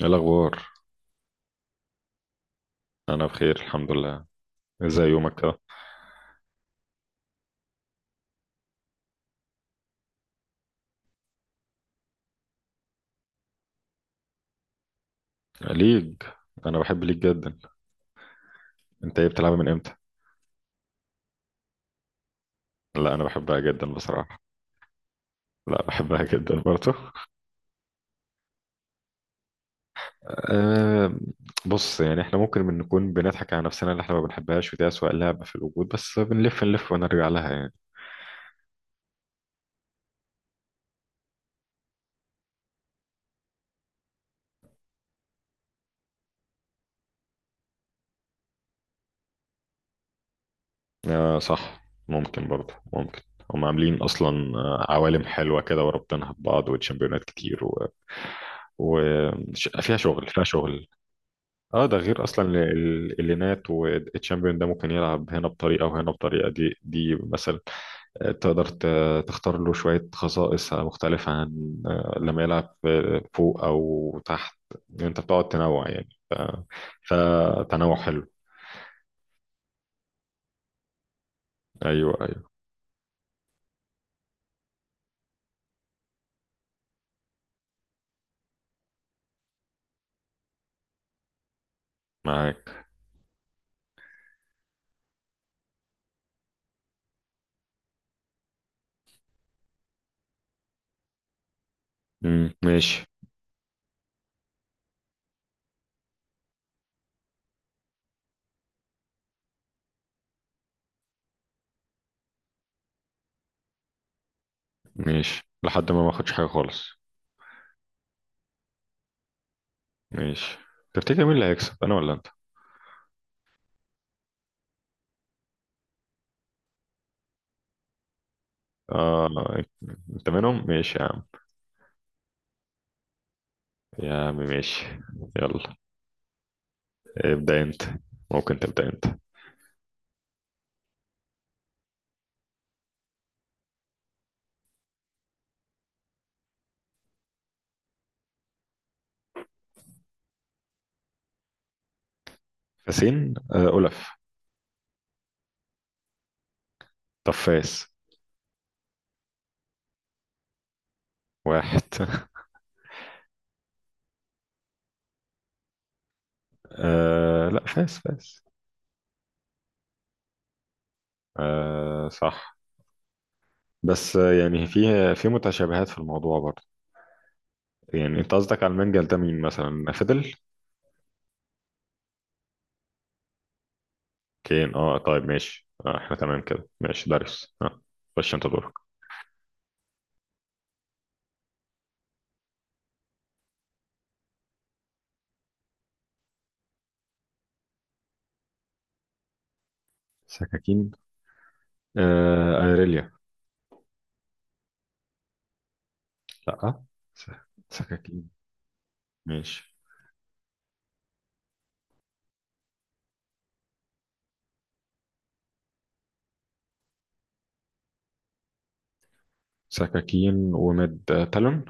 ايه الاخبار؟ انا بخير الحمد لله. ازاي يومك كده؟ ليج. انا بحب ليج جدا. انت ايه بتلعبها من امتى؟ لا، انا بحبها جدا بصراحه. لا، بحبها جدا برضه. أه. بص، يعني احنا ممكن من نكون بنضحك على نفسنا اللي احنا ما بنحبهاش، ودي اسوأ لعبه في الوجود، بس بنلف نلف ونرجع لها يعني. أه صح، ممكن برضه، ممكن. هم عاملين اصلا. عوالم حلوه كده وربطينها ببعض وتشامبيونات كتير وفيها فيها شغل فيها شغل. اه، ده غير اصلا اللينات والتشامبيون، ده ممكن يلعب هنا بطريقه وهنا بطريقه دي مثلا. تقدر تختار له شويه خصائص مختلفه عن لما يلعب فوق او تحت. انت بتقعد تنوع يعني. فتنوع حلو. ايوه، ايوه. معاك. مم، ماشي. ماشي لحد ما ما اخدش حاجه خالص. ماشي. تفتكر مين اللي هيكسب، انا ولا انت؟ اه، انت منهم. ماشي يا عم. يا عم ماشي. يلا. ابدأ أنت. ممكن تبدأ أنت. فاسين، أولف. طب فاس. واحد. لا، فاس فاس. آه صح. بس يعني في. في متشابهات في الموضوع برضه. يعني انت قصدك على المنجل ده مين مثلا، فضل؟ كين. اه طيب ماشي، احنا تمام كده، ماشي، داريوس، اه. خش انت دورك. سكاكين. ايريليا. لا. س- سكاكين. ماشي. سكاكين، ومد تالون.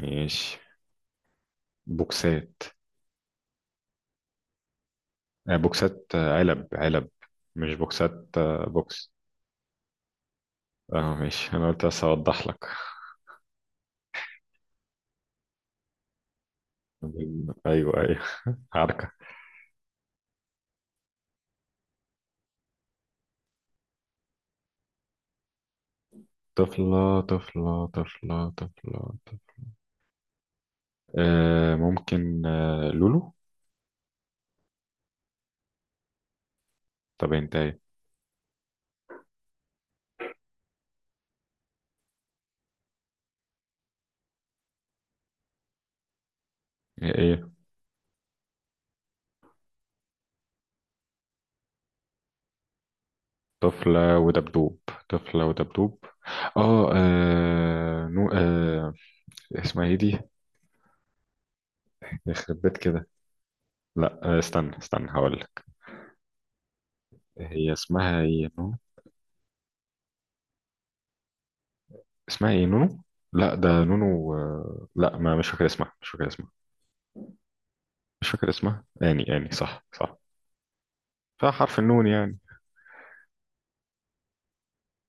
ماشي. بوكسات. بوكسات، علب، علب. مش بوكسات، بوكس. اه ماشي، انا قلت بس اوضح لك. ايوه، ايوه، عركة. طفلة، طفلة، طفلة، طفلة، طفلة. ممكن، لولو. طب انت ايه؟ ايه؟ طفلة ودبدوب. طفلة ودبدوب. اه. نو. آه. اسمها ايه دي؟ يخرب بيت كده. لا، استنى استنى، هقول لك. هي اسمها ايه؟ اسمها ايه، نونو؟ لا، ده نونو، لا، ما، مش فاكر اسمها، مش فاكر اسمها. مش فاكر اسمها يعني، صح صح. فحرف النون يعني.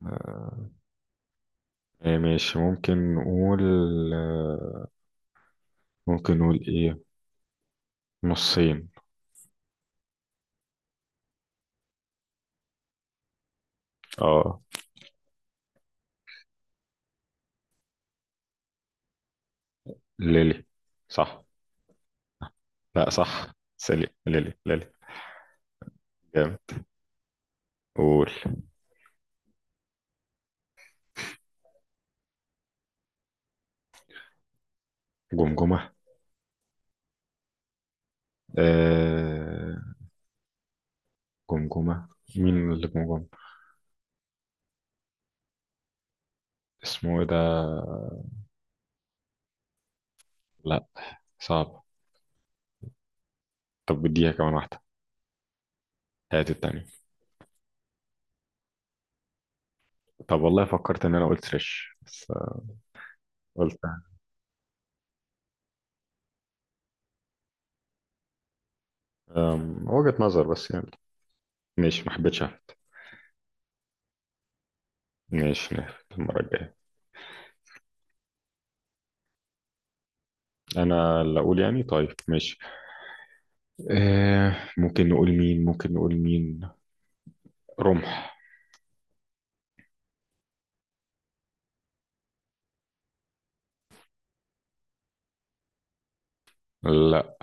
آه، ماشي ممكن نقول. آه، ممكن نقول ايه؟ نصين. اه. ليلي. صح. لا صح، سلي، ليلي ليلي. جامد. قول. جمجمة. آه. جمجمة. مين اللي جمجمة؟ اسمه ايه ده؟ لا. صعب. طب بديها كمان واحدة. هات التانية. طب والله، فكرت ان انا قلت رش بس. قلت. وجهة نظر بس يعني. ماشي، ما حبيتش احمد. ماشي، نعرف المرة الجاية. انا اللي اقول يعني، طيب، ماشي. ممكن نقول مين، ممكن نقول مين. رمح. لا.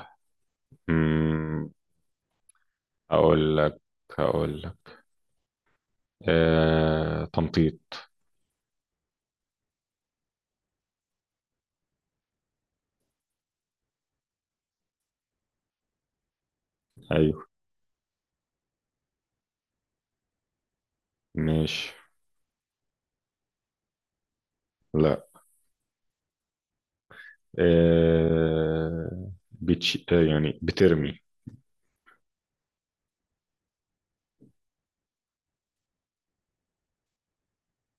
مم، اقول لك اقول لك، تمطيط. ايوه. ماشي. لا، آه بتش... آه يعني بترمي.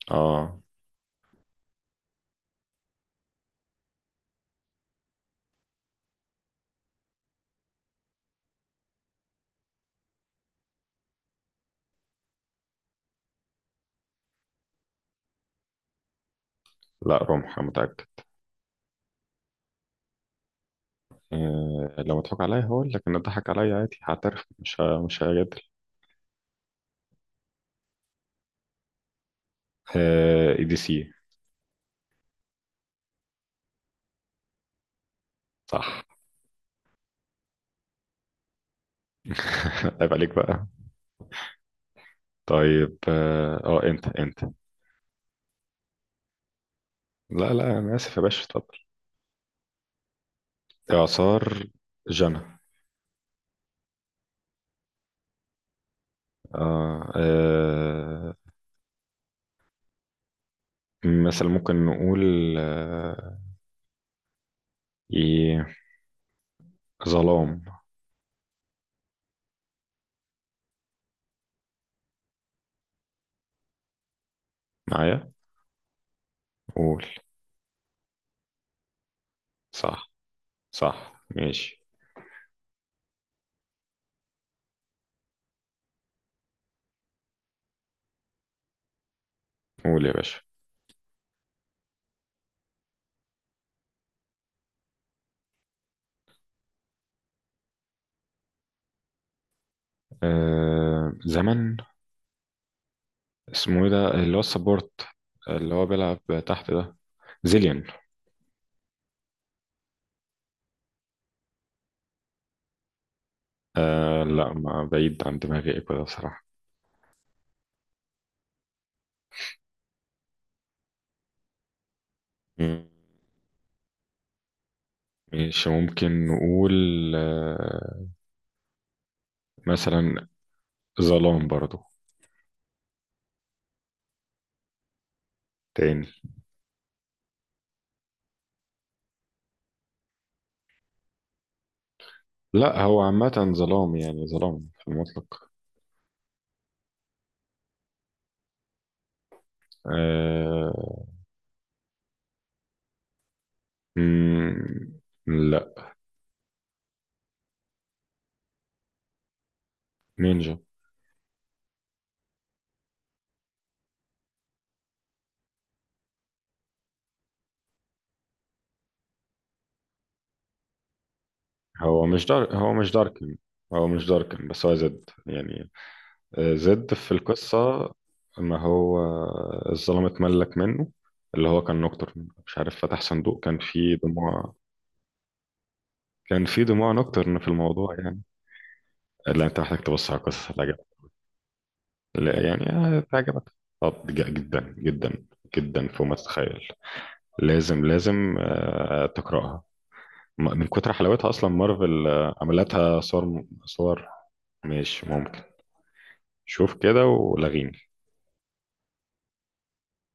اه. لا رمح، أنا متأكد. لو مضحك عليا هقول لك ان ضحك عليا، عادي، هعترف، مش هجادل. ADC. صح. عيب عليك بقى. طيب اه، انت. لا، لا، انا اسف يا باشا، اتفضل. اعصار. جنى. آه. آه. مثلا ممكن نقول. آه. ايه. ظلام. معايا. قول. صح صح، ماشي. قول يا باشا. آه. زمن. اسمه ايه ده، اللي هو السبورت، اللي هو بيلعب تحت ده. زيليان. آه. لا، ما بعيد عن دماغي ايه كده بصراحة. مم. ماشي، ممكن نقول، آه، مثلا ظلام برضو. تاني. لا، هو عامة ظلام يعني، ظلام في المطلق. آه... مم... لا. نينجا. هو مش داركن. هو مش داركن بس هو زد يعني. زد في القصة. ما هو الظلام اتملك منه، اللي هو كان نوكتورن مش عارف فتح صندوق كان فيه دموع. كان فيه دموع نوكتورن في الموضوع يعني. لا، انت محتاج تبص على القصة، لا. لا يعني. آه، تعجبك. طب جدا جدا. جدا فوق ما تتخيل. لازم لازم، تقرأها. من كتر حلاوتها أصلا، مارفل عملتها صور صور. ماشي، ممكن. شوف كده ولغيني.